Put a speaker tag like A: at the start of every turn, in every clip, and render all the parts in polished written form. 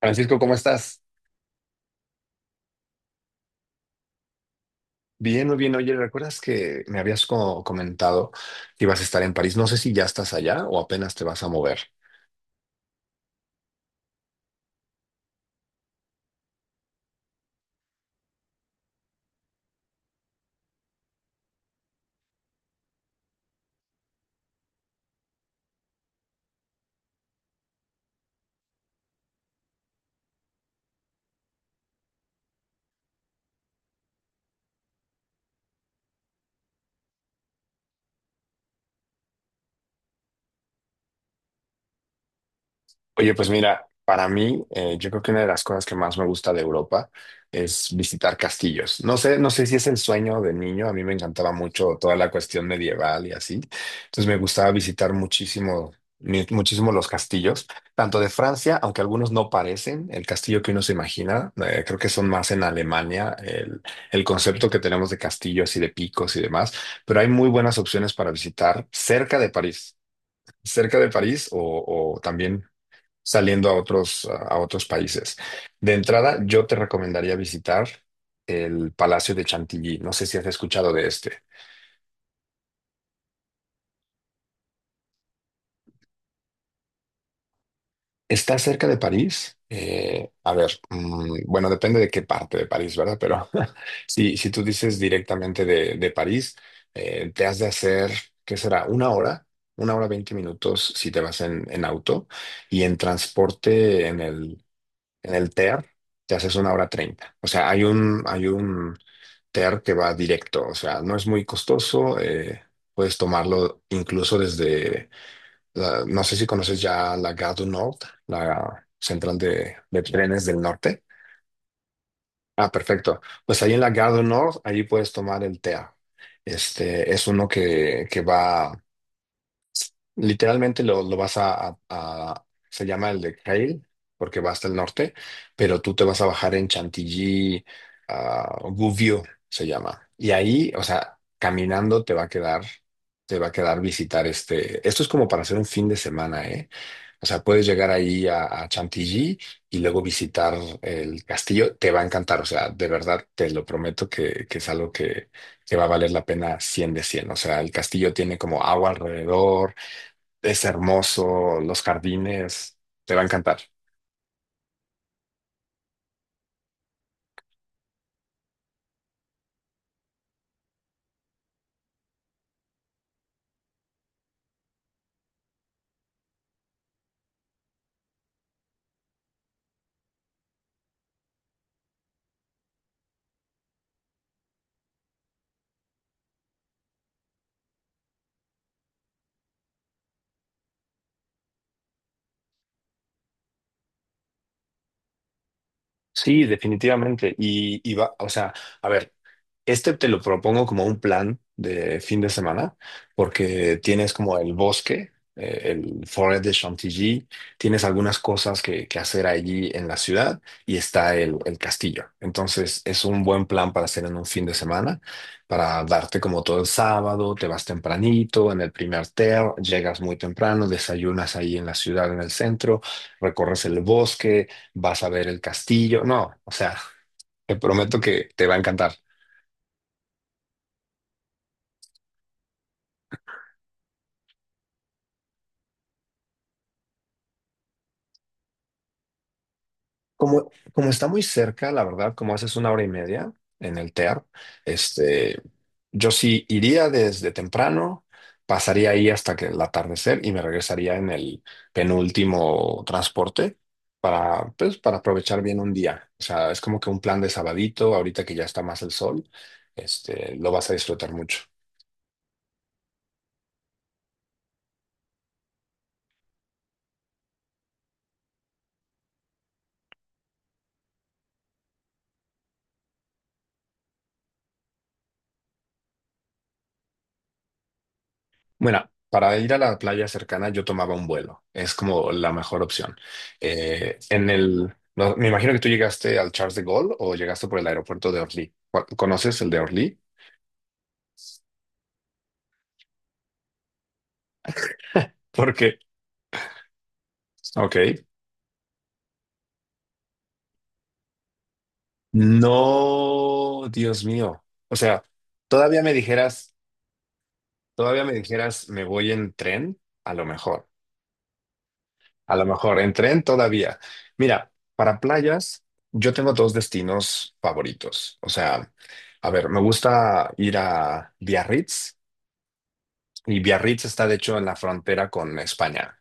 A: Francisco, ¿cómo estás? Bien, muy bien. Oye, ¿recuerdas que me habías comentado que ibas a estar en París? No sé si ya estás allá o apenas te vas a mover. Oye, pues mira, para mí, yo creo que una de las cosas que más me gusta de Europa es visitar castillos. No sé si es el sueño de niño, a mí me encantaba mucho toda la cuestión medieval y así. Entonces me gustaba visitar muchísimo, muchísimo los castillos, tanto de Francia, aunque algunos no parecen el castillo que uno se imagina. Creo que son más en Alemania, el concepto que tenemos de castillos y de picos y demás, pero hay muy buenas opciones para visitar cerca de París o también saliendo a otros países. De entrada, yo te recomendaría visitar el Palacio de Chantilly. No sé si has escuchado de este. Está cerca de París. A ver, bueno, depende de qué parte de París, ¿verdad? Pero si tú dices directamente de París, te has de hacer, ¿qué será? Una hora 20 minutos si te vas en auto y en transporte en el En el TER te haces una hora 30. O sea, hay un TER que va directo. O sea, no es muy costoso. Puedes tomarlo incluso desde, no sé si conoces ya la Gare du Nord, la central de trenes del norte. Ah, perfecto. Pues ahí en la Gare du Nord, allí puedes tomar el TER. Este es uno que va. Literalmente lo vas se llama el de Cail, porque va hasta el norte, pero tú te vas a bajar en Chantilly, a Gouvieux se llama. Y ahí, o sea, caminando te va a quedar, te va a quedar visitar este. Esto es como para hacer un fin de semana, ¿eh? O sea, puedes llegar ahí a Chantilly y luego visitar el castillo. Te va a encantar. O sea, de verdad te lo prometo que es algo que va a valer la pena 100 de cien. O sea, el castillo tiene como agua alrededor. Es hermoso, los jardines, te va a encantar. Sí, definitivamente. Y va, o sea, a ver, este te lo propongo como un plan de fin de semana, porque tienes como el bosque, el Forest de Chantilly, tienes algunas cosas que hacer allí en la ciudad y está el castillo. Entonces, es un buen plan para hacer en un fin de semana, para darte como todo el sábado, te vas tempranito en el primer TER, llegas muy temprano, desayunas ahí en la ciudad, en el centro, recorres el bosque, vas a ver el castillo. No, o sea, te prometo que te va a encantar. Como está muy cerca, la verdad, como haces una hora y media en el TEAR, este, yo sí iría desde temprano, pasaría ahí hasta que el atardecer y me regresaría en el penúltimo transporte pues, para aprovechar bien un día. O sea, es como que un plan de sabadito, ahorita que ya está más el sol, este, lo vas a disfrutar mucho. Bueno, para ir a la playa cercana yo tomaba un vuelo. Es como la mejor opción. No, me imagino que tú llegaste al Charles de Gaulle o llegaste por el aeropuerto de Orly. ¿Conoces el de Orly? Porque, OK. No, Dios mío. O sea, todavía me dijeras, todavía me dijeras, me voy en tren, a lo mejor. A lo mejor en tren todavía. Mira, para playas, yo tengo dos destinos favoritos. O sea, a ver, me gusta ir a Biarritz, y Biarritz está de hecho en la frontera con España.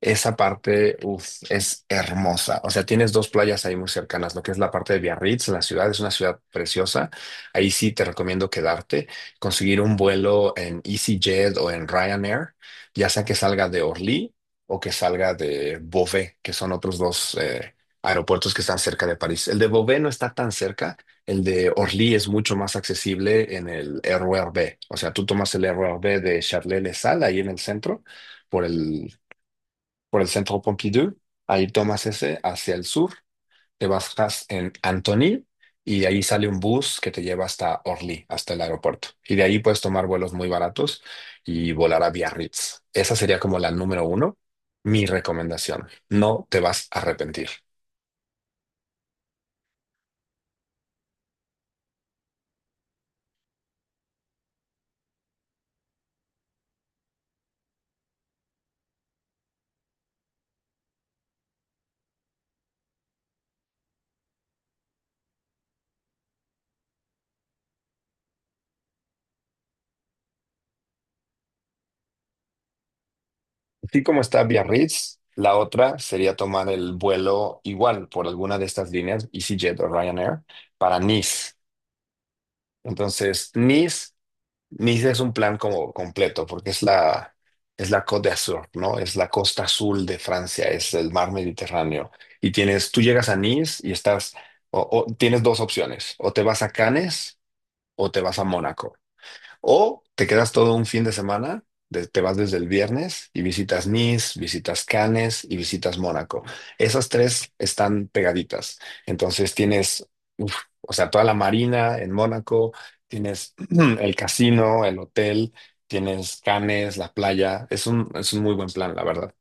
A: Esa parte, uf, es hermosa. O sea, tienes dos playas ahí muy cercanas, lo que es la parte de Biarritz, la ciudad es una ciudad preciosa. Ahí sí te recomiendo quedarte, conseguir un vuelo en EasyJet o en Ryanair, ya sea que salga de Orly o que salga de Beauvais, que son otros dos aeropuertos que están cerca de París. El de Beauvais no está tan cerca, el de Orly es mucho más accesible en el RER B. O sea, tú tomas el RER B de Charles-de-Sales ahí en el centro, por el por el centro Pompidou, ahí tomas ese hacia el sur, te bajas en Antony y ahí sale un bus que te lleva hasta Orly, hasta el aeropuerto. Y de ahí puedes tomar vuelos muy baratos y volar a Biarritz. Esa sería como la número uno, mi recomendación. No te vas a arrepentir. Así como está Biarritz, la otra sería tomar el vuelo igual por alguna de estas líneas, EasyJet o Ryanair, para Nice. Entonces, Nice, Niza, es un plan como completo, porque es la Côte d'Azur, ¿no? Es la costa azul de Francia, es el mar Mediterráneo. Y tienes, tú llegas a Nice y estás, o, tienes dos opciones: o te vas a Cannes o te vas a Mónaco. O te quedas todo un fin de semana, te vas desde el viernes y visitas Nice, visitas Cannes y visitas Mónaco. Esas tres están pegaditas. Entonces tienes, uf, o sea, toda la marina en Mónaco, tienes el casino, el hotel, tienes Cannes, la playa. Es un muy buen plan, la verdad.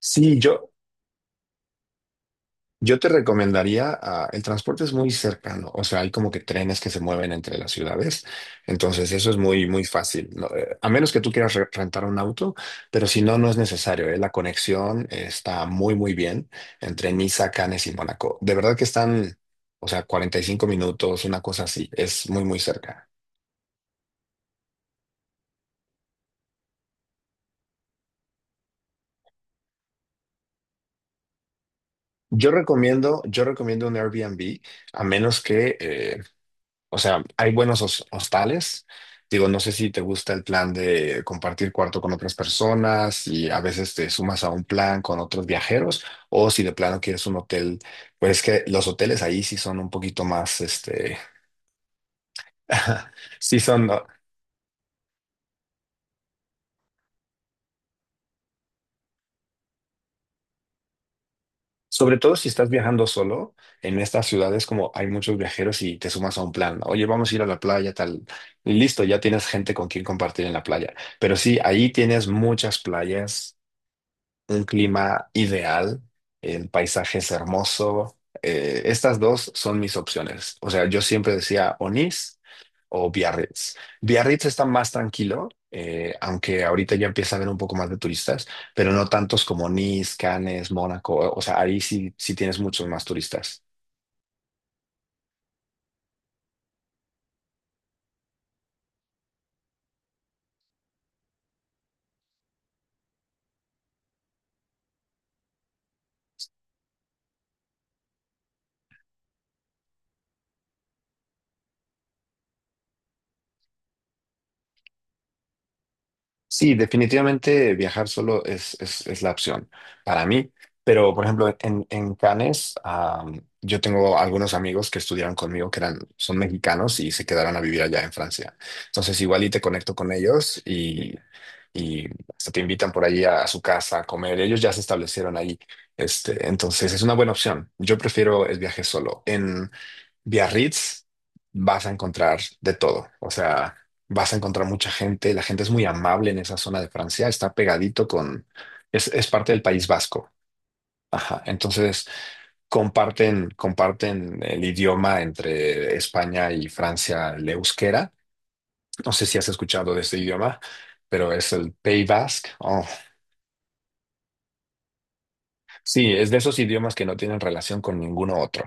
A: Sí, Yo te recomendaría, el transporte es muy cercano, o sea, hay como que trenes que se mueven entre las ciudades, entonces eso es muy, muy fácil, ¿no? A menos que tú quieras rentar un auto, pero si no, no es necesario, ¿eh? La conexión está muy, muy bien entre Niza, Cannes y Mónaco. De verdad que están, o sea, 45 minutos, una cosa así, es muy, muy cerca. Yo recomiendo un Airbnb, a menos que, o sea, hay buenos hostales. Digo, no sé si te gusta el plan de compartir cuarto con otras personas y a veces te sumas a un plan con otros viajeros o si de plano quieres un hotel, pues es que los hoteles ahí sí son un poquito más, este, sí son, ¿no? Sobre todo si estás viajando solo en estas ciudades, como hay muchos viajeros y te sumas a un plan, ¿no? Oye, vamos a ir a la playa, tal. Y listo, ya tienes gente con quien compartir en la playa. Pero sí, ahí tienes muchas playas, un clima ideal, el paisaje es hermoso. Estas dos son mis opciones. O sea, yo siempre decía o Nice o Biarritz. Biarritz está más tranquilo, aunque ahorita ya empieza a haber un poco más de turistas, pero no tantos como Nice, Cannes, Mónaco. O sea, ahí sí, sí tienes muchos más turistas. Sí, definitivamente viajar solo es la opción para mí. Pero, por ejemplo, en Cannes, yo tengo algunos amigos que estudiaron conmigo, que eran, son mexicanos, y se quedaron a vivir allá en Francia. Entonces, igual y te conecto con ellos y hasta te invitan por allí a su casa a comer. Ellos ya se establecieron ahí. Este, entonces es una buena opción. Yo prefiero el viaje solo. En Biarritz vas a encontrar de todo. O sea, vas a encontrar mucha gente. La gente es muy amable en esa zona de Francia. Está pegadito con... Es parte del País Vasco. Ajá. Entonces comparten el idioma entre España y Francia: el euskera. No sé si has escuchado de este idioma, pero es el Pays Basque. Oh, sí, es de esos idiomas que no tienen relación con ninguno otro.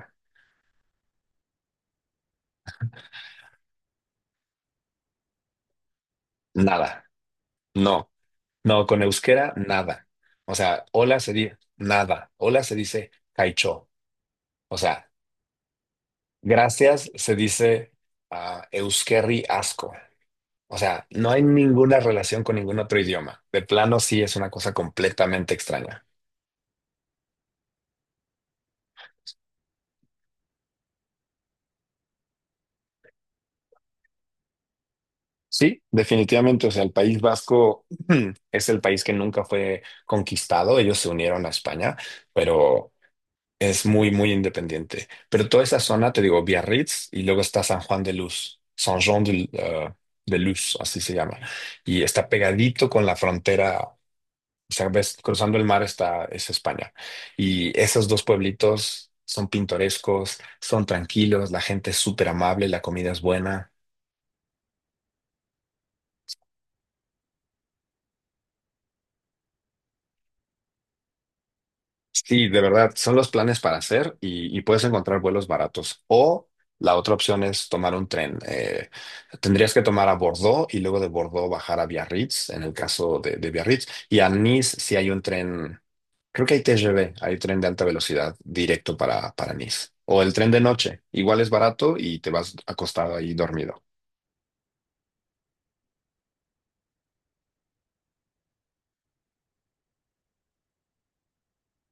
A: Nada. No. No, con euskera, nada. O sea, hola se dice nada. Hola se dice caicho. O sea, gracias se dice euskerri asko. O sea, no hay ninguna relación con ningún otro idioma. De plano, sí es una cosa completamente extraña. Sí, definitivamente. O sea, el País Vasco es el país que nunca fue conquistado. Ellos se unieron a España, pero es muy, muy independiente. Pero toda esa zona, te digo, Biarritz, y luego está San Juan de Luz, San Juan de Luz, así se llama. Y está pegadito con la frontera, o sea, ves, cruzando el mar está, es España. Y esos dos pueblitos son pintorescos, son tranquilos, la gente es súper amable, la comida es buena. Sí, de verdad, son los planes para hacer y puedes encontrar vuelos baratos. O la otra opción es tomar un tren. Tendrías que tomar a Bordeaux y luego de Bordeaux bajar a Biarritz, en el caso de Biarritz. Y a Nice sí hay un tren, creo que hay TGV, hay tren de alta velocidad directo para Nice. O el tren de noche, igual es barato y te vas acostado ahí dormido.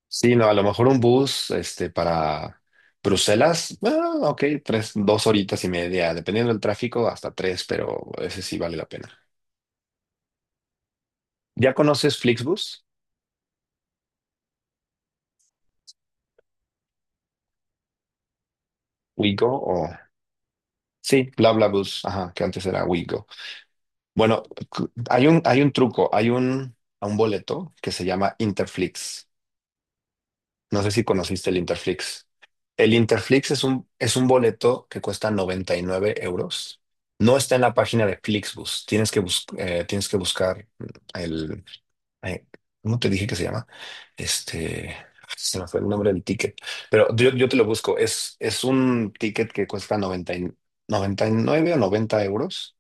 A: Sí, no, a lo mejor un bus, este, para Bruselas, ah, OK, tres, dos horitas y media, dependiendo del tráfico, hasta tres, pero ese sí vale la pena. ¿Ya conoces Flixbus? Wigo o... Sí, BlaBlaBus, ajá, que antes era Wigo. Bueno, hay un truco, hay un boleto que se llama Interflix. No sé si conociste el Interflix. El Interflix es un boleto que cuesta 99 euros. No está en la página de Flixbus. Tienes que buscar el... eh, ¿cómo te dije que se llama? Este... Se me fue el nombre del ticket. Pero yo te lo busco. Es un ticket que cuesta 99 o 90 euros.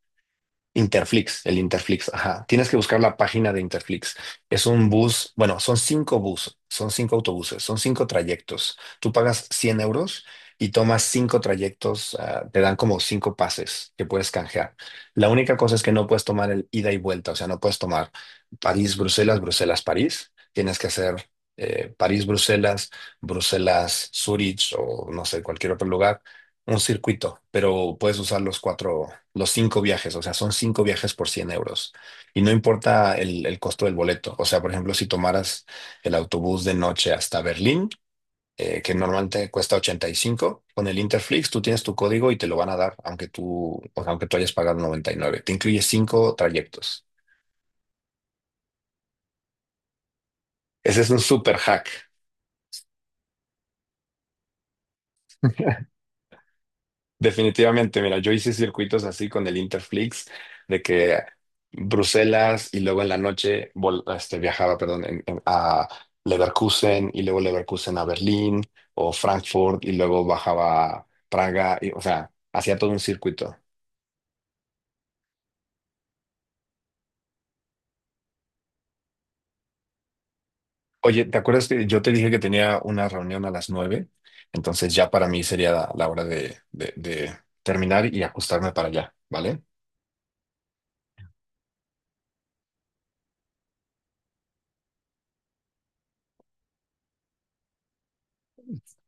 A: Interflix, el Interflix, ajá. Tienes que buscar la página de Interflix. Es un bus, bueno, son cinco buses, son cinco autobuses, son cinco trayectos. Tú pagas 100 euros y tomas cinco trayectos, te dan como cinco pases que puedes canjear. La única cosa es que no puedes tomar el ida y vuelta, o sea, no puedes tomar París, Bruselas, Bruselas, París. Tienes que hacer París, Bruselas, Bruselas, Zurich, o no sé, cualquier otro lugar, un circuito, pero puedes usar los cuatro, los cinco viajes, o sea, son cinco viajes por 100 euros. Y no importa el costo del boleto. O sea, por ejemplo, si tomaras el autobús de noche hasta Berlín, que normalmente cuesta 85, con el Interflix tú tienes tu código y te lo van a dar, aunque tú, o sea, aunque tú hayas pagado 99, te incluye cinco trayectos. Ese es un super hack. Definitivamente, mira, yo hice circuitos así con el Interflix, de que Bruselas y luego en la noche este, viajaba, perdón, a Leverkusen y luego Leverkusen a Berlín o Frankfurt y luego bajaba a Praga, y, o sea, hacía todo un circuito. Oye, ¿te acuerdas que yo te dije que tenía una reunión a las 9? Entonces ya para mí sería la hora de terminar y ajustarme para allá, ¿vale?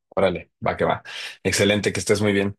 A: Órale, va que va. Excelente, que estés muy bien.